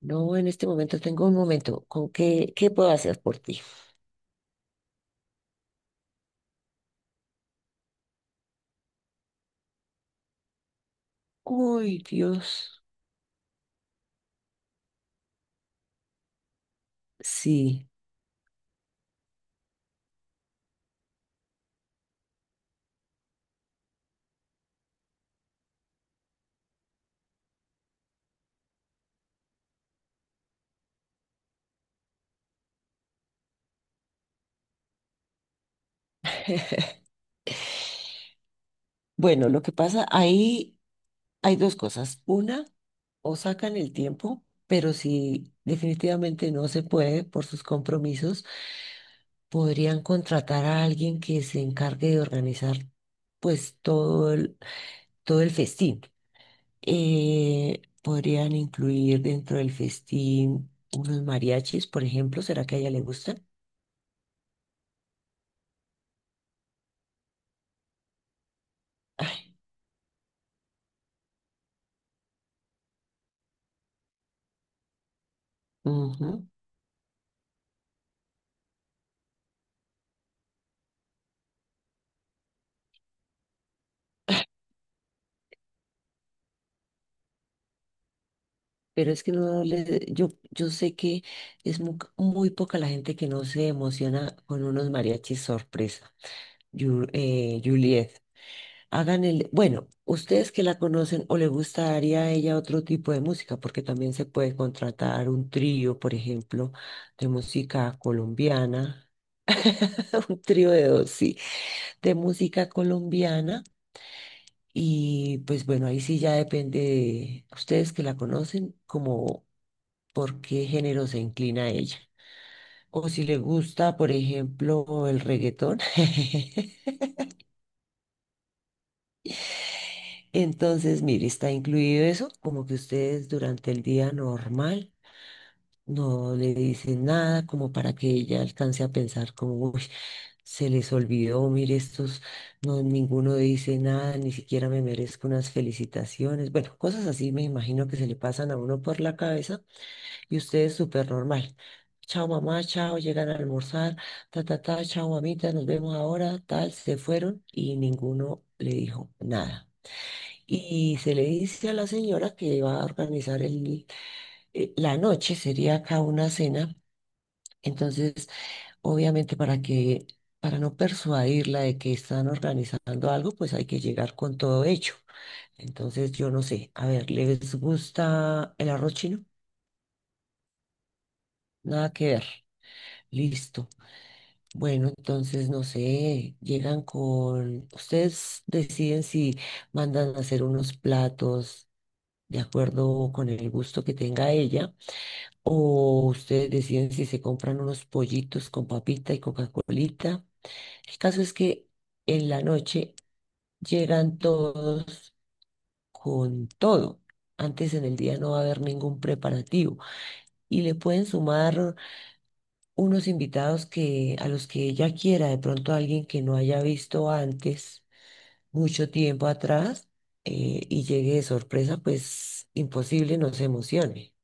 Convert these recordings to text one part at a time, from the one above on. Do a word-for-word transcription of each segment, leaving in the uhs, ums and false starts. No, en este momento tengo un momento. ¿Con qué, qué puedo hacer por ti? Uy, Dios. Sí. Bueno, lo que pasa, ahí hay dos cosas. Una, o sacan el tiempo, pero si definitivamente no se puede por sus compromisos, podrían contratar a alguien que se encargue de organizar pues todo el, todo el festín. Eh, podrían incluir dentro del festín unos mariachis, por ejemplo. ¿Será que a ella le gustan? Ujú. Pero es que no le, yo, yo sé que es mu- muy, poca la gente que no se emociona con unos mariachis sorpresa. Yu- eh, Juliet, hagan el, bueno, ustedes que la conocen, o le gustaría a ella otro tipo de música, porque también se puede contratar un trío, por ejemplo, de música colombiana. Un trío de dos, sí, de música colombiana. Y pues bueno, ahí sí ya depende de ustedes que la conocen, como por qué género se inclina ella. O si le gusta, por ejemplo, el reggaetón. Entonces, mire, está incluido eso, como que ustedes durante el día normal no le dicen nada, como para que ella alcance a pensar como, uy, se les olvidó, mire, estos, no, ninguno dice nada, ni siquiera me merezco unas felicitaciones. Bueno, cosas así me imagino que se le pasan a uno por la cabeza, y ustedes súper normal. Chao mamá, chao, llegan a almorzar, ta, ta, ta, chao mamita, nos vemos ahora, tal, se fueron y ninguno le dijo nada. Y se le dice a la señora que va a organizar el, eh, la noche, sería acá una cena. Entonces, obviamente para que, para no persuadirla de que están organizando algo, pues hay que llegar con todo hecho. Entonces, yo no sé, a ver, ¿les gusta el arroz chino? Nada que ver. Listo. Bueno, entonces no sé, llegan con, ustedes deciden si mandan a hacer unos platos de acuerdo con el gusto que tenga ella, o ustedes deciden si se compran unos pollitos con papita y Coca-Colita. El caso es que en la noche llegan todos con todo. Antes en el día no va a haber ningún preparativo, y le pueden sumar unos invitados que, a los que ella quiera, de pronto alguien que no haya visto antes, mucho tiempo atrás, eh, y llegue de sorpresa, pues imposible nos emocione.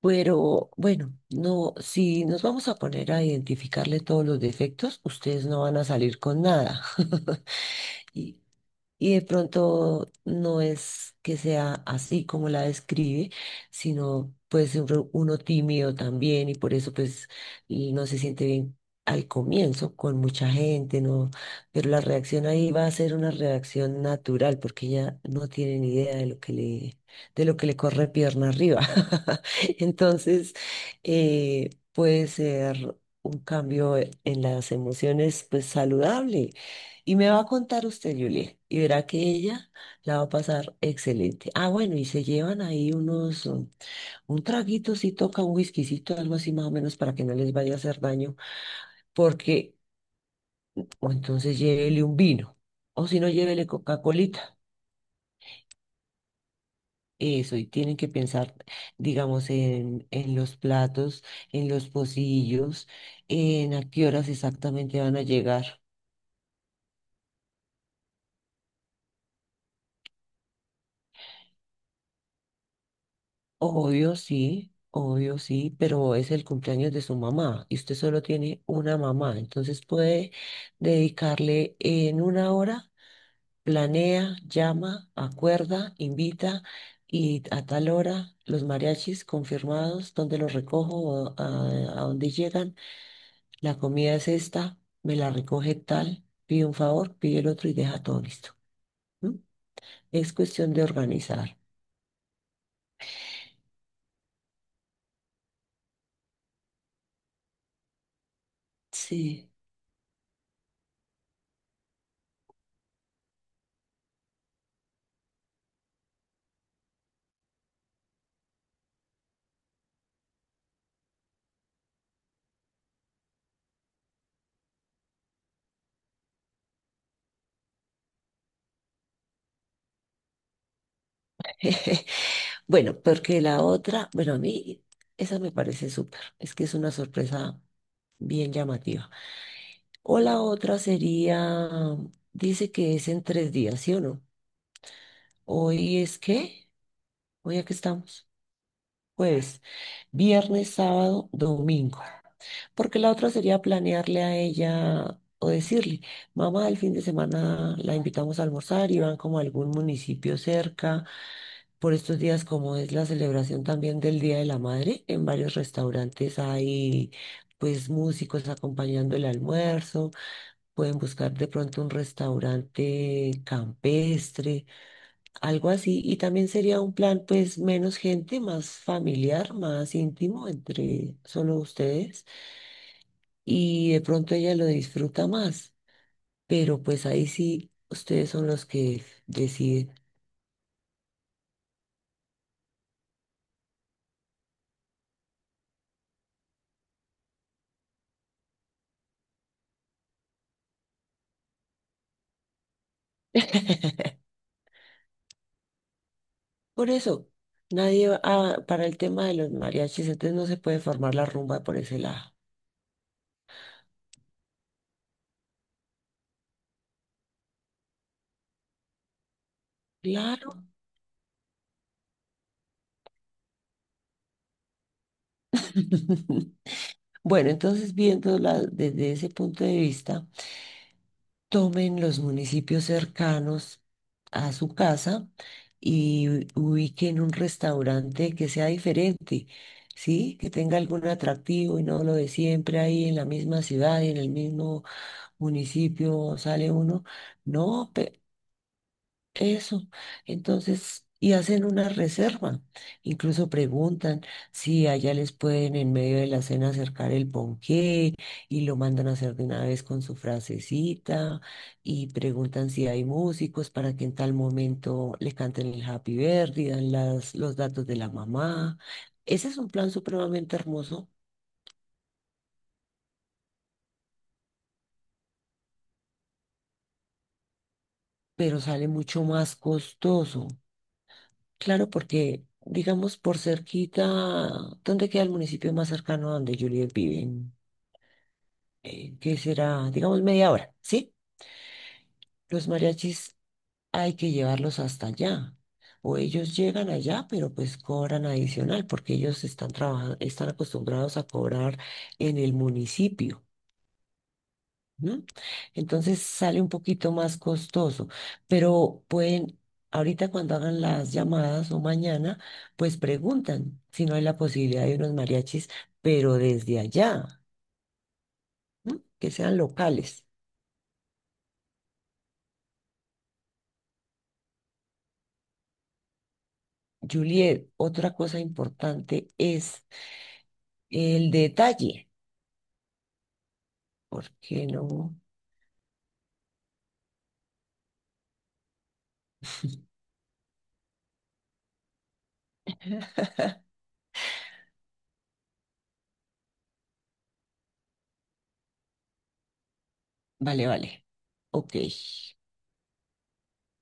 Pero bueno, no, si nos vamos a poner a identificarle todos los defectos, ustedes no van a salir con nada. Y de pronto no es que sea así como la describe, sino puede ser uno uno tímido también, y por eso pues y no se siente bien al comienzo con mucha gente, ¿no? Pero la reacción ahí va a ser una reacción natural, porque ella no tiene ni idea de lo que le, de lo que le corre pierna arriba. Entonces, eh, puede ser un cambio en las emociones pues saludable. Y me va a contar usted, Julia, y verá que ella la va a pasar excelente. Ah, bueno, y se llevan ahí unos, um, un traguito, si toca un whiskycito, algo así más o menos para que no les vaya a hacer daño, porque, o entonces llévele un vino, o si no, llévele Coca-Colita. Eso, y tienen que pensar, digamos, en, en los platos, en los pocillos, en a qué horas exactamente van a llegar. Obvio sí, obvio sí, pero es el cumpleaños de su mamá y usted solo tiene una mamá, entonces puede dedicarle en una hora, planea, llama, acuerda, invita, y a tal hora los mariachis confirmados, dónde los recojo, a, a dónde llegan, la comida es esta, me la recoge tal, pide un favor, pide el otro y deja todo listo. ¿No? Es cuestión de organizar. Sí. Bueno, porque la otra, bueno, a mí esa me parece súper, es que es una sorpresa bien llamativa. O la otra sería, dice que es en tres días, ¿sí o no? Hoy es qué, hoy aquí estamos, jueves, viernes, sábado, domingo. Porque la otra sería planearle a ella o decirle, mamá, el fin de semana la invitamos a almorzar y van como a algún municipio cerca. Por estos días, como es la celebración también del Día de la Madre, en varios restaurantes hay pues músicos acompañando el almuerzo, pueden buscar de pronto un restaurante campestre, algo así, y también sería un plan pues menos gente, más familiar, más íntimo entre solo ustedes, y de pronto ella lo disfruta más, pero pues ahí sí ustedes son los que deciden. Por eso, nadie va ah, para el tema de los mariachis, entonces no se puede formar la rumba por ese lado. Claro. Bueno, entonces viéndola desde ese punto de vista, tomen los municipios cercanos a su casa y ubiquen un restaurante que sea diferente, ¿sí? Que tenga algún atractivo y no lo de siempre ahí en la misma ciudad y en el mismo municipio sale uno. No, eso. Entonces, y hacen una reserva. Incluso preguntan si allá les pueden en medio de la cena acercar el ponqué, y lo mandan a hacer de una vez con su frasecita, y preguntan si hay músicos para que en tal momento le canten el happy birthday, dan las, los datos de la mamá. Ese es un plan supremamente hermoso, pero sale mucho más costoso. Claro, porque, digamos, por cerquita, ¿dónde queda el municipio más cercano a donde Juliet vive? En, eh, ¿qué será? Digamos, media hora, ¿sí? Los mariachis hay que llevarlos hasta allá. O ellos llegan allá, pero pues cobran adicional, porque ellos están trabajando, están acostumbrados a cobrar en el municipio. ¿No? Entonces sale un poquito más costoso, pero pueden, ahorita cuando hagan las llamadas o mañana, pues preguntan si no hay la posibilidad de unos mariachis, pero desde allá, ¿no? Que sean locales. Juliet, otra cosa importante es el detalle, porque no, vale, vale, ok.